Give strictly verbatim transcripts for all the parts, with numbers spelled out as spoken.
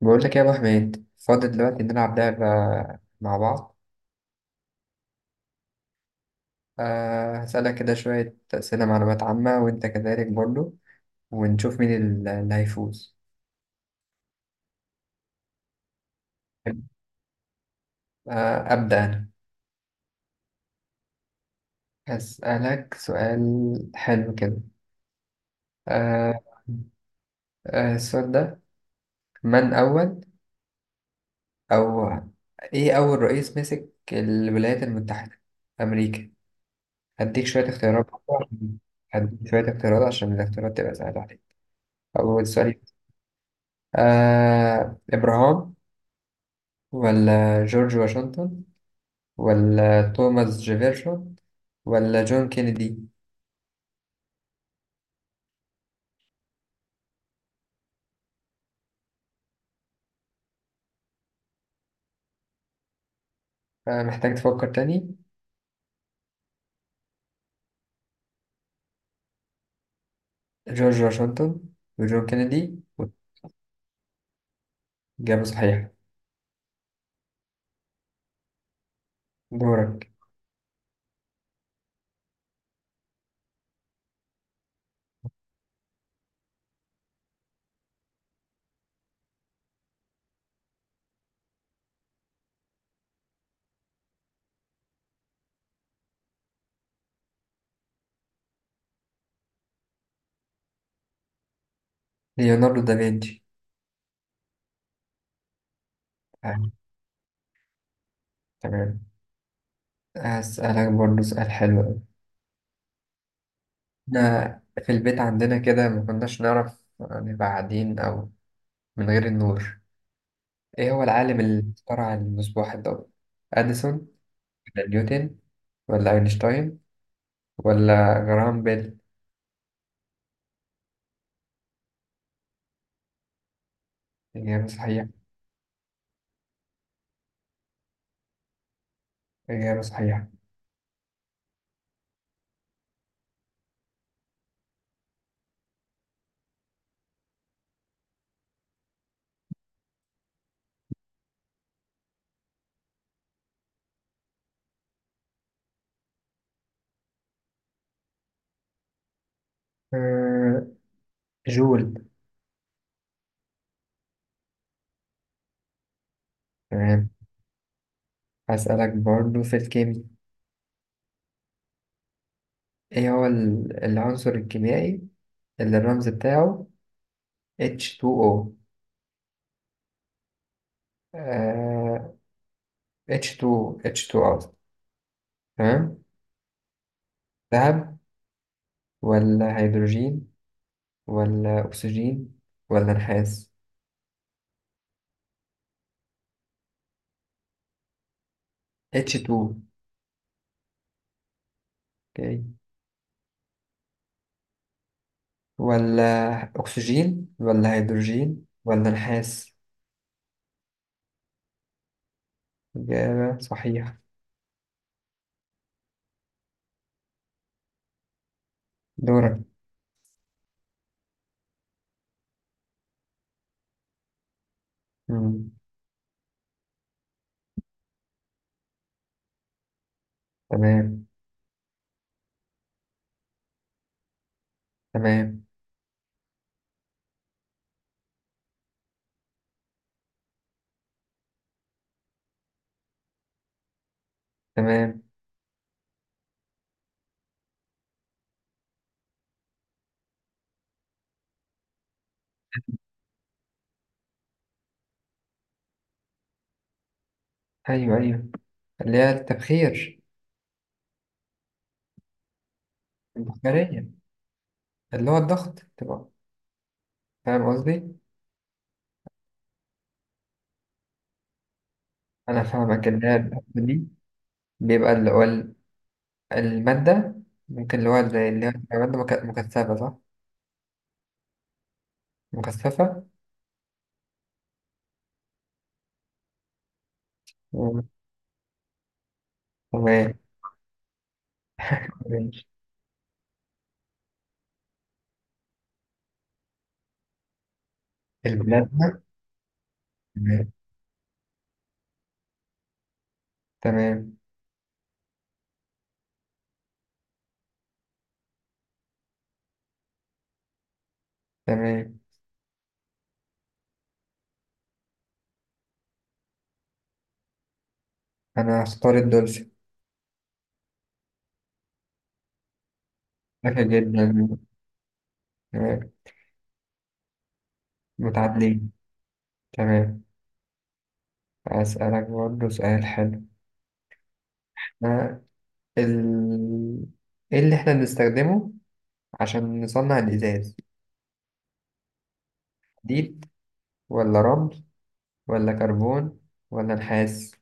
بقول لك إيه يا ابو حميد، فاضي دلوقتي. نلعب لعبة مع بعض. أه هسألك كده شوية أسئلة معلومات عامة، وأنت كذلك برضو، ونشوف مين ال- اللي هيفوز. أه أبدأ أنا. هسألك سؤال حلو كده. أه أه السؤال ده، من أول أو إيه أول رئيس مسك الولايات المتحدة أمريكا؟ هديك شوية اختيارات برضو عشان- هديك شوية اختيارات عشان الاختيارات تبقى سهلة عليك. أول سؤال، آه إبراهام، ولا جورج واشنطن، ولا توماس جيفرسون، ولا جون كينيدي؟ آه، محتاج تفكر تاني. جورج واشنطن وجون كينيدي. إجابة صحيحة. دورك. ليوناردو دافنشي. آه تمام. هسألك برضه سؤال حلو أوي. إحنا في البيت عندنا كده ما كناش نعرف نبقى قاعدين أو من غير النور. إيه هو العالم اللي اخترع المصباح الضوئي؟ أديسون، ولا نيوتن، ولا أينشتاين، ولا جرام بيل؟ إجابة صحيحة. إجابة صحيحة. آه، جول. تمام. هسألك برضو في الكيمياء. إيه هو ال- العنصر الكيميائي اللي الرمز بتاعه H T O. آه، إتش تو. إتش تو قصدي. تمام. ذهب، ولا هيدروجين، ولا أكسجين، ولا نحاس؟ إتش تو. أوكي. ولا أكسجين ولا هيدروجين ولا نحاس. إجابة صحيحة. دورك. تمام. تمام. تمام. أيوه أيوه اللي هي التبخير. البخارية، اللي هو الضغط تبقى. فاهم قصدي؟ أنا فاهمك، اللي هي الضغط دي. بيبقى اللي هو ال- المادة، ممكن اللي هو زي اللي هي بتبقى مادة مك- مكثفة، صح؟ مكثفة. تمام. تمام. ماشي. البلازما. تمام. تمام. تمام. أنا هختار الدولفين. ذكي جدا. تمام. متعادلين. تمام. أسألك برضه سؤال حلو. ال... ايه اللي احنا بنستخدمه عشان نصنع الإزاز؟ حديد، ولا رمل، ولا كربون، ولا نحاس؟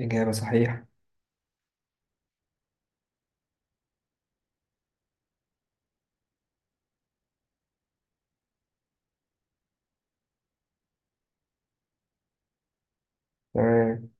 إجابة صحيحة. تمام.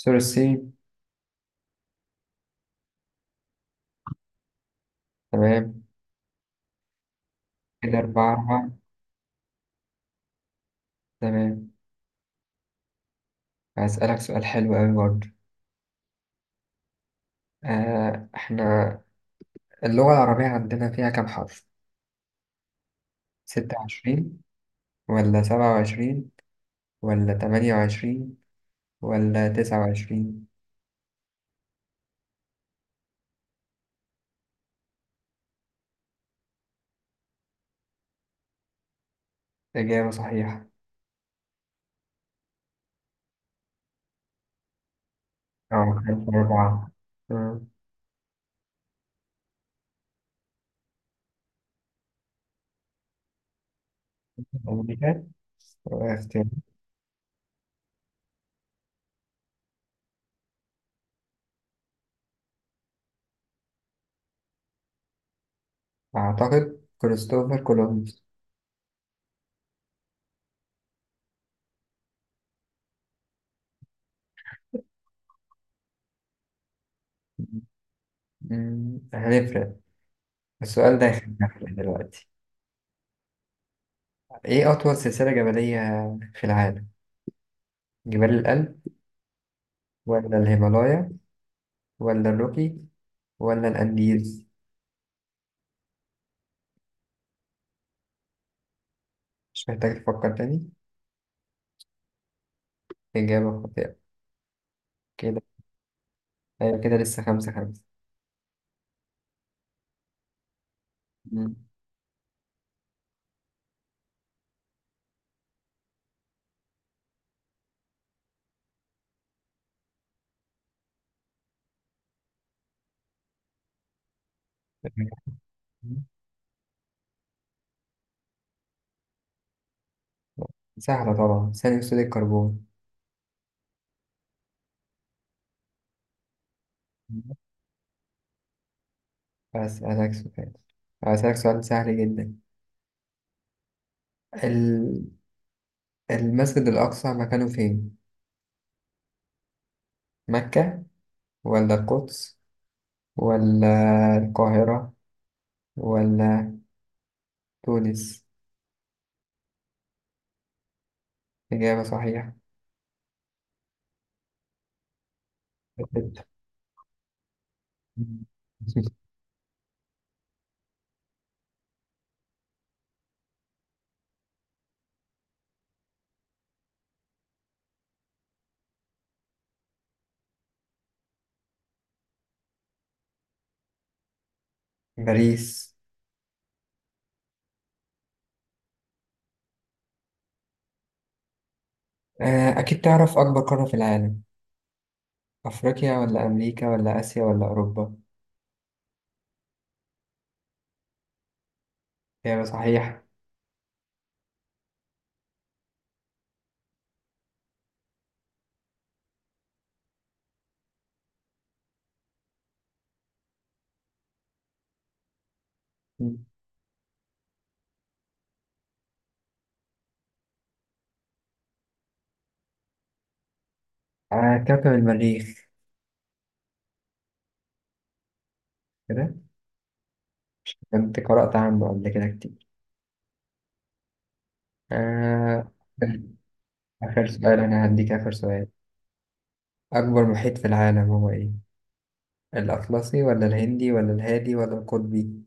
سور الصين. تمام، كده أربعة أربعة. تمام. هسألك سؤال حلو أوي برضه. آه إحنا، اللغة العربية عندنا فيها كام حرف؟ ستة وعشرين، ولا سبعة وعشرين، ولا تمانية وعشرين، ولا تسعة وعشرين؟ إجابة صحيحة. أه، خمسة أربعة. أمريكا، اختيار. أعتقد كريستوفر كولومبوس. مم، هنفرق. السؤال ده هيخلينا دلوقتي. إيه أطول سلسلة جبلية في العالم؟ جبال الألب، ولا الهيمالايا، ولا الروكي، ولا الأنديز؟ مش محتاج تفكر تاني. إجابة خاطئة. كده أيوة، كده لسه خمسة خمسة. مم. سهلة طبعا، ثاني أكسيد الكربون. أسألك سؤال هسألك سؤال سهل جدا. المسجد الأقصى مكانه فين؟ مكة، ولا القدس، ولا القاهرة، ولا تونس؟ إجابة صحيحة. باريس. آه، أكيد تعرف أكبر قارة في العالم. أفريقيا، ولا أمريكا، ولا آسيا، ولا أوروبا؟ إجابة صحيحة. آه، كوكب المريخ. كده كنت قرأت عنه قبل كده كتير. آه، آخر سؤال. أنا هديك آخر سؤال. أكبر محيط في العالم هو إيه؟ الأطلسي، ولا الهندي، ولا الهادي، ولا القطبي؟